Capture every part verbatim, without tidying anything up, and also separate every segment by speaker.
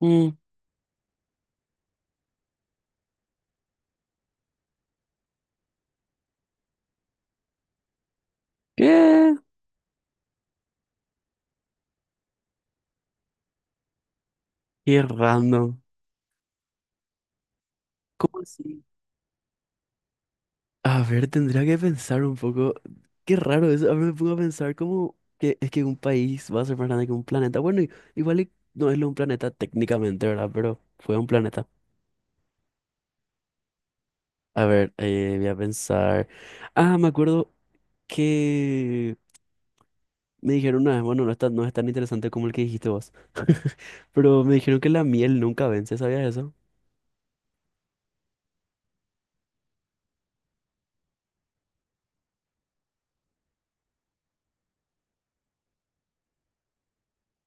Speaker 1: Mm. ¿Qué? Qué random. ¿Cómo así? A ver, tendría que pensar un poco. Qué raro eso. A ver, me pongo a pensar cómo que es que un país va a ser más grande que un planeta. Bueno, i- igual y no es lo un planeta técnicamente, ¿verdad? Pero fue un planeta. A ver, eh, voy a pensar. Ah, me acuerdo que me dijeron una vez, bueno, no es tan, no es tan interesante como el que dijiste vos. Pero me dijeron que la miel nunca vence, ¿sabías eso?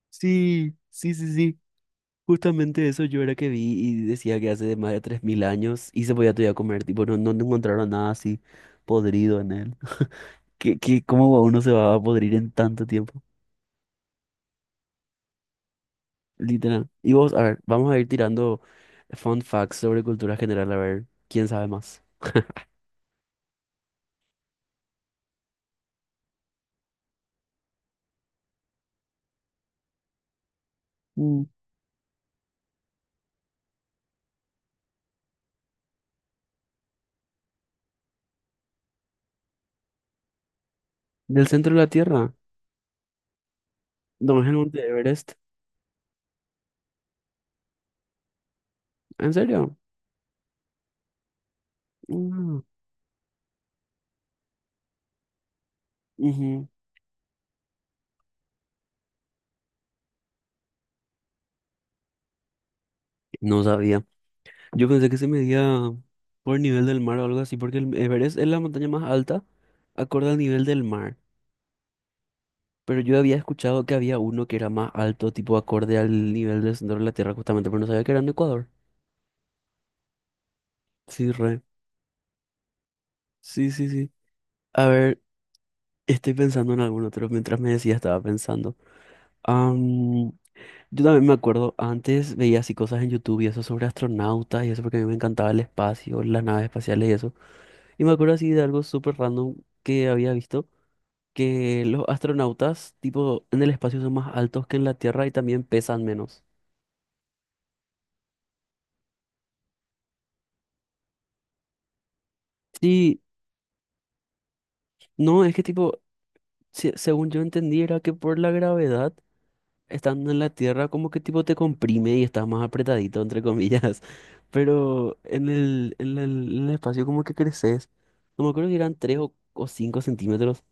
Speaker 1: Sí, sí, sí, sí. Justamente eso yo era que vi y decía que hace de más de tres mil años y se podía todavía comer, tipo, no, no encontraron nada así podrido en él. ¿Qué, qué, cómo uno se va a podrir en tanto tiempo? Literal. Y vos, a ver, vamos a ir tirando fun facts sobre cultura general, a ver, ¿quién sabe más? Mm. ¿Del centro de la Tierra? ¿No es el monte Everest? ¿En serio? Mm, ujú. No sabía. Yo pensé que se medía por nivel del mar o algo así, porque el Everest es la montaña más alta acorde al nivel del mar. Pero yo había escuchado que había uno que era más alto, tipo acorde al nivel del centro de la Tierra, justamente, pero no sabía que era en Ecuador. Sí, re. Sí, sí, sí. A ver, estoy pensando en algún otro. Mientras me decía, estaba pensando. Am, yo también me acuerdo, antes veía así cosas en YouTube y eso sobre astronautas y eso porque a mí me encantaba el espacio, las naves espaciales y eso. Y me acuerdo así de algo súper random que había visto, que los astronautas, tipo, en el espacio son más altos que en la Tierra y también pesan menos. Sí, no, es que tipo, se- según yo entendí, era que por la gravedad, estando en la Tierra, como que tipo te comprime y estás más apretadito, entre comillas. Pero en el, en la- en el espacio como que creces. No me acuerdo si eran tres o, o cinco centímetros.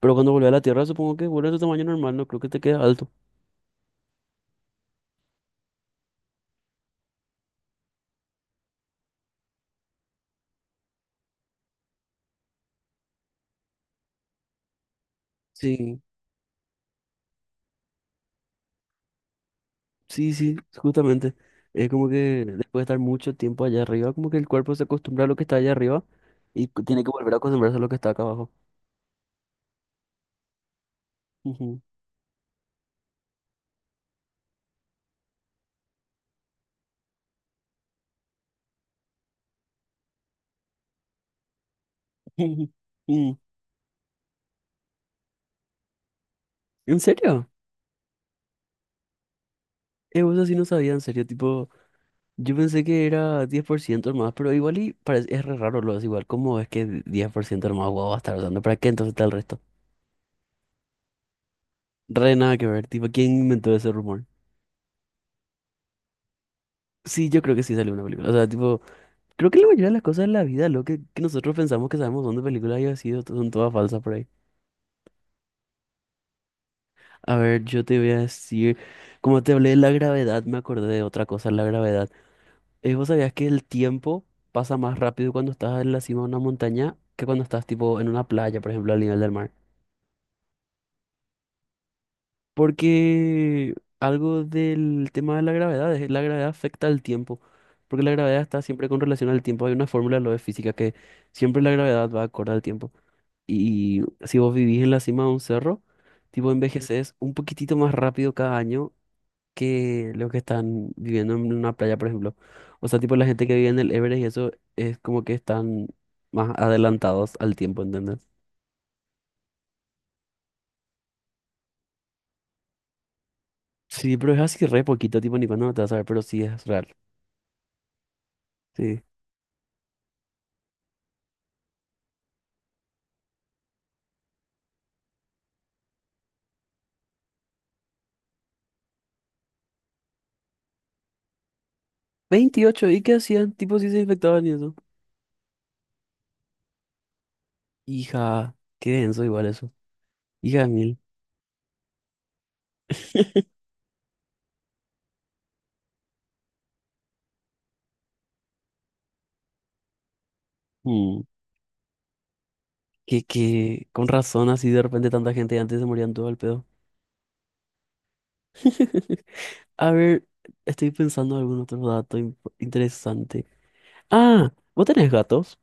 Speaker 1: Pero cuando volvés a la Tierra, supongo que vuelve a tu tamaño normal, no creo que te quede alto. Sí, sí, sí, justamente. Es como que después de estar mucho tiempo allá arriba, como que el cuerpo se acostumbra a lo que está allá arriba y cu- tiene que volver a acostumbrarse a lo que está acá abajo. Ujú. Mm. ¿En serio? Eh, vos así no sabía, en serio, tipo, yo pensé que era diez por ciento más, pero igual y parece, es re raro lo es igual, ¿cómo es que diez por ciento más guau va a estar usando? ¿Para qué entonces está el resto? Re nada que ver, tipo, ¿quién inventó ese rumor? Sí, yo creo que sí salió una película, o sea, tipo, creo que la mayoría de las cosas de la vida, lo que, que nosotros pensamos que sabemos dónde películas haya sido, to- son todas falsas por ahí. A ver, yo te voy a decir, como te hablé de la gravedad, me acordé de otra cosa, la gravedad. Eh, ¿vos sabías que el tiempo pasa más rápido cuando estás en la cima de una montaña que cuando estás tipo en una playa, por ejemplo, al nivel del mar? Porque algo del tema de la gravedad, es- la gravedad afecta al tiempo, porque la gravedad está siempre con relación al tiempo. Hay una fórmula de lo de física que siempre la gravedad va acorde al tiempo. Y si vos vivís en la cima de un cerro, tipo envejeces un poquitito más rápido cada año que los que están viviendo en una playa, por ejemplo. O sea, tipo la gente que vive en el Everest y eso es como que están más adelantados al tiempo, ¿entendés? Sí, pero es así re poquito, tipo ni cuando no te vas a ver, pero sí es real. Sí. Veintiocho, ¿y qué hacían? Tipo, sí se infectaban y eso. Hija, qué denso igual eso. Hija de mil. Mm. Que, que con razón así de repente tanta gente antes se morían todo al pedo. A ver, estoy pensando en algún otro dato in- interesante. Ah, ¿vos tenés gatos?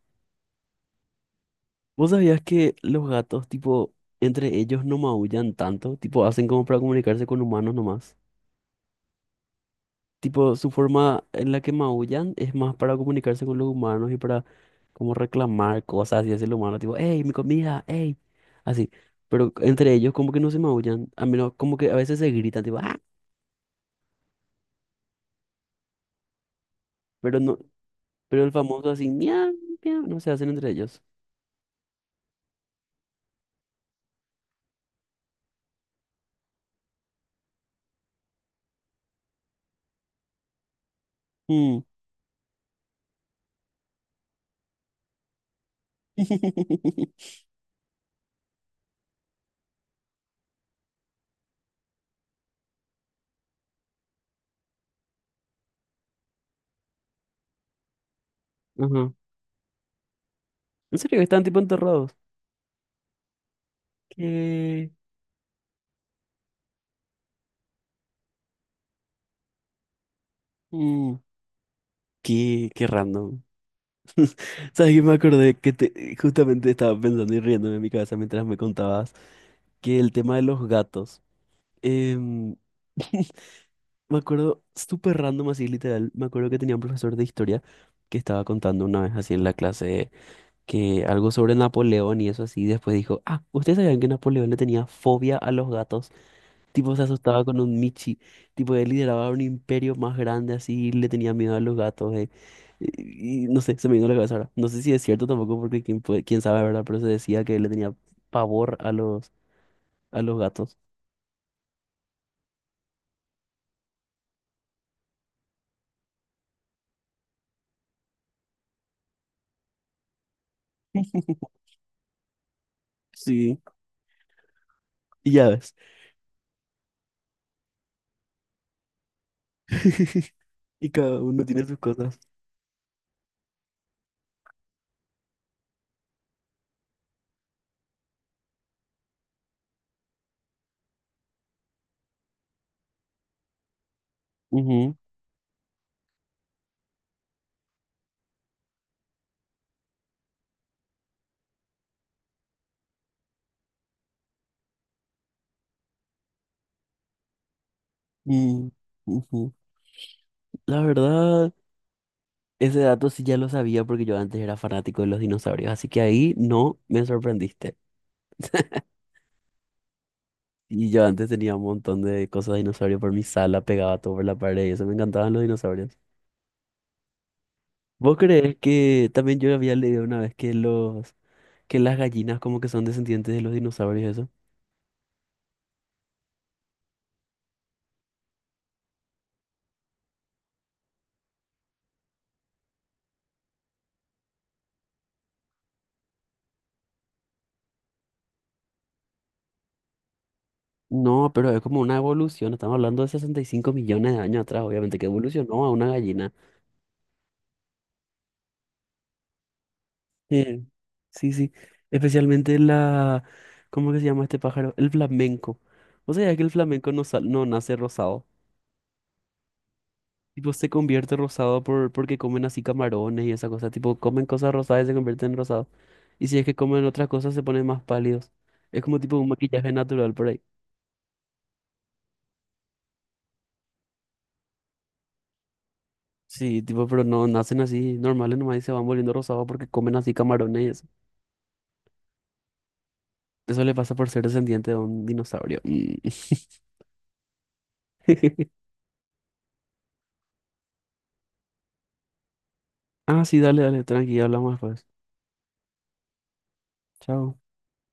Speaker 1: ¿Vos sabías que los gatos, tipo, entre ellos no maullan tanto? Tipo, hacen como para comunicarse con humanos nomás. Tipo, su forma en la que maullan es más para comunicarse con los humanos y para como reclamar cosas y hacia el humano. Tipo, hey, mi comida, hey. Así. Pero entre ellos como que no se maullan. A menos como que a veces se gritan, tipo, ah, pero no, pero el famoso así, miau, miau, no se hacen entre ellos. Mm. Ajá. ¿En serio? Están tipo enterrados. ¿Qué? Mm. Qué, qué random. ¿Sabes qué? Me acordé que te- justamente estaba pensando y riéndome en mi cabeza mientras me contabas que el tema de los gatos. em, Me acuerdo, súper random así, literal. Me acuerdo que tenía un profesor de historia que estaba contando una vez así en la clase que algo sobre Napoleón y eso así, y después dijo, ah, ¿ustedes sabían que Napoleón le tenía fobia a los gatos? Tipo se asustaba con un michi. Tipo él lideraba un imperio más grande así y le tenía miedo a los gatos. eh. Y, y no sé, se me vino a la cabeza ahora. No sé si es cierto tampoco porque quién, puede- quién sabe, ¿verdad? Pero se decía que él le tenía pavor a los, a los gatos. Sí, y ya ves. Y cada uno tiene sus cosas. Ujú, y- ujú. La verdad, ese dato sí ya lo sabía porque yo antes era fanático de los dinosaurios, así que ahí no me sorprendiste. Y yo antes tenía un montón de cosas de dinosaurio por mi sala, pegaba todo por la pared y eso, me encantaban los dinosaurios. ¿Vos crees que también yo había leído una vez que los que las gallinas como que son descendientes de los dinosaurios eso? No, pero es como una evolución, estamos hablando de sesenta y cinco millones de años atrás, obviamente que evolucionó a una gallina. Eh, sí, sí, especialmente la, ¿cómo que se llama este pájaro? El flamenco. ¿Vos sabías que el flamenco no sal- no nace rosado? Tipo, se convierte rosado por, porque comen así camarones y esa cosa. Tipo, comen cosas rosadas y se convierten en rosado. Y si es que comen otras cosas, se ponen más pálidos. Es como tipo un maquillaje natural por ahí. Sí, tipo, pero no nacen así normales nomás y se van volviendo rosados porque comen así camarones y eso. Eso le pasa por ser descendiente de un dinosaurio. Mm. Ah, sí, dale, dale, tranqui, hablamos después. Chao.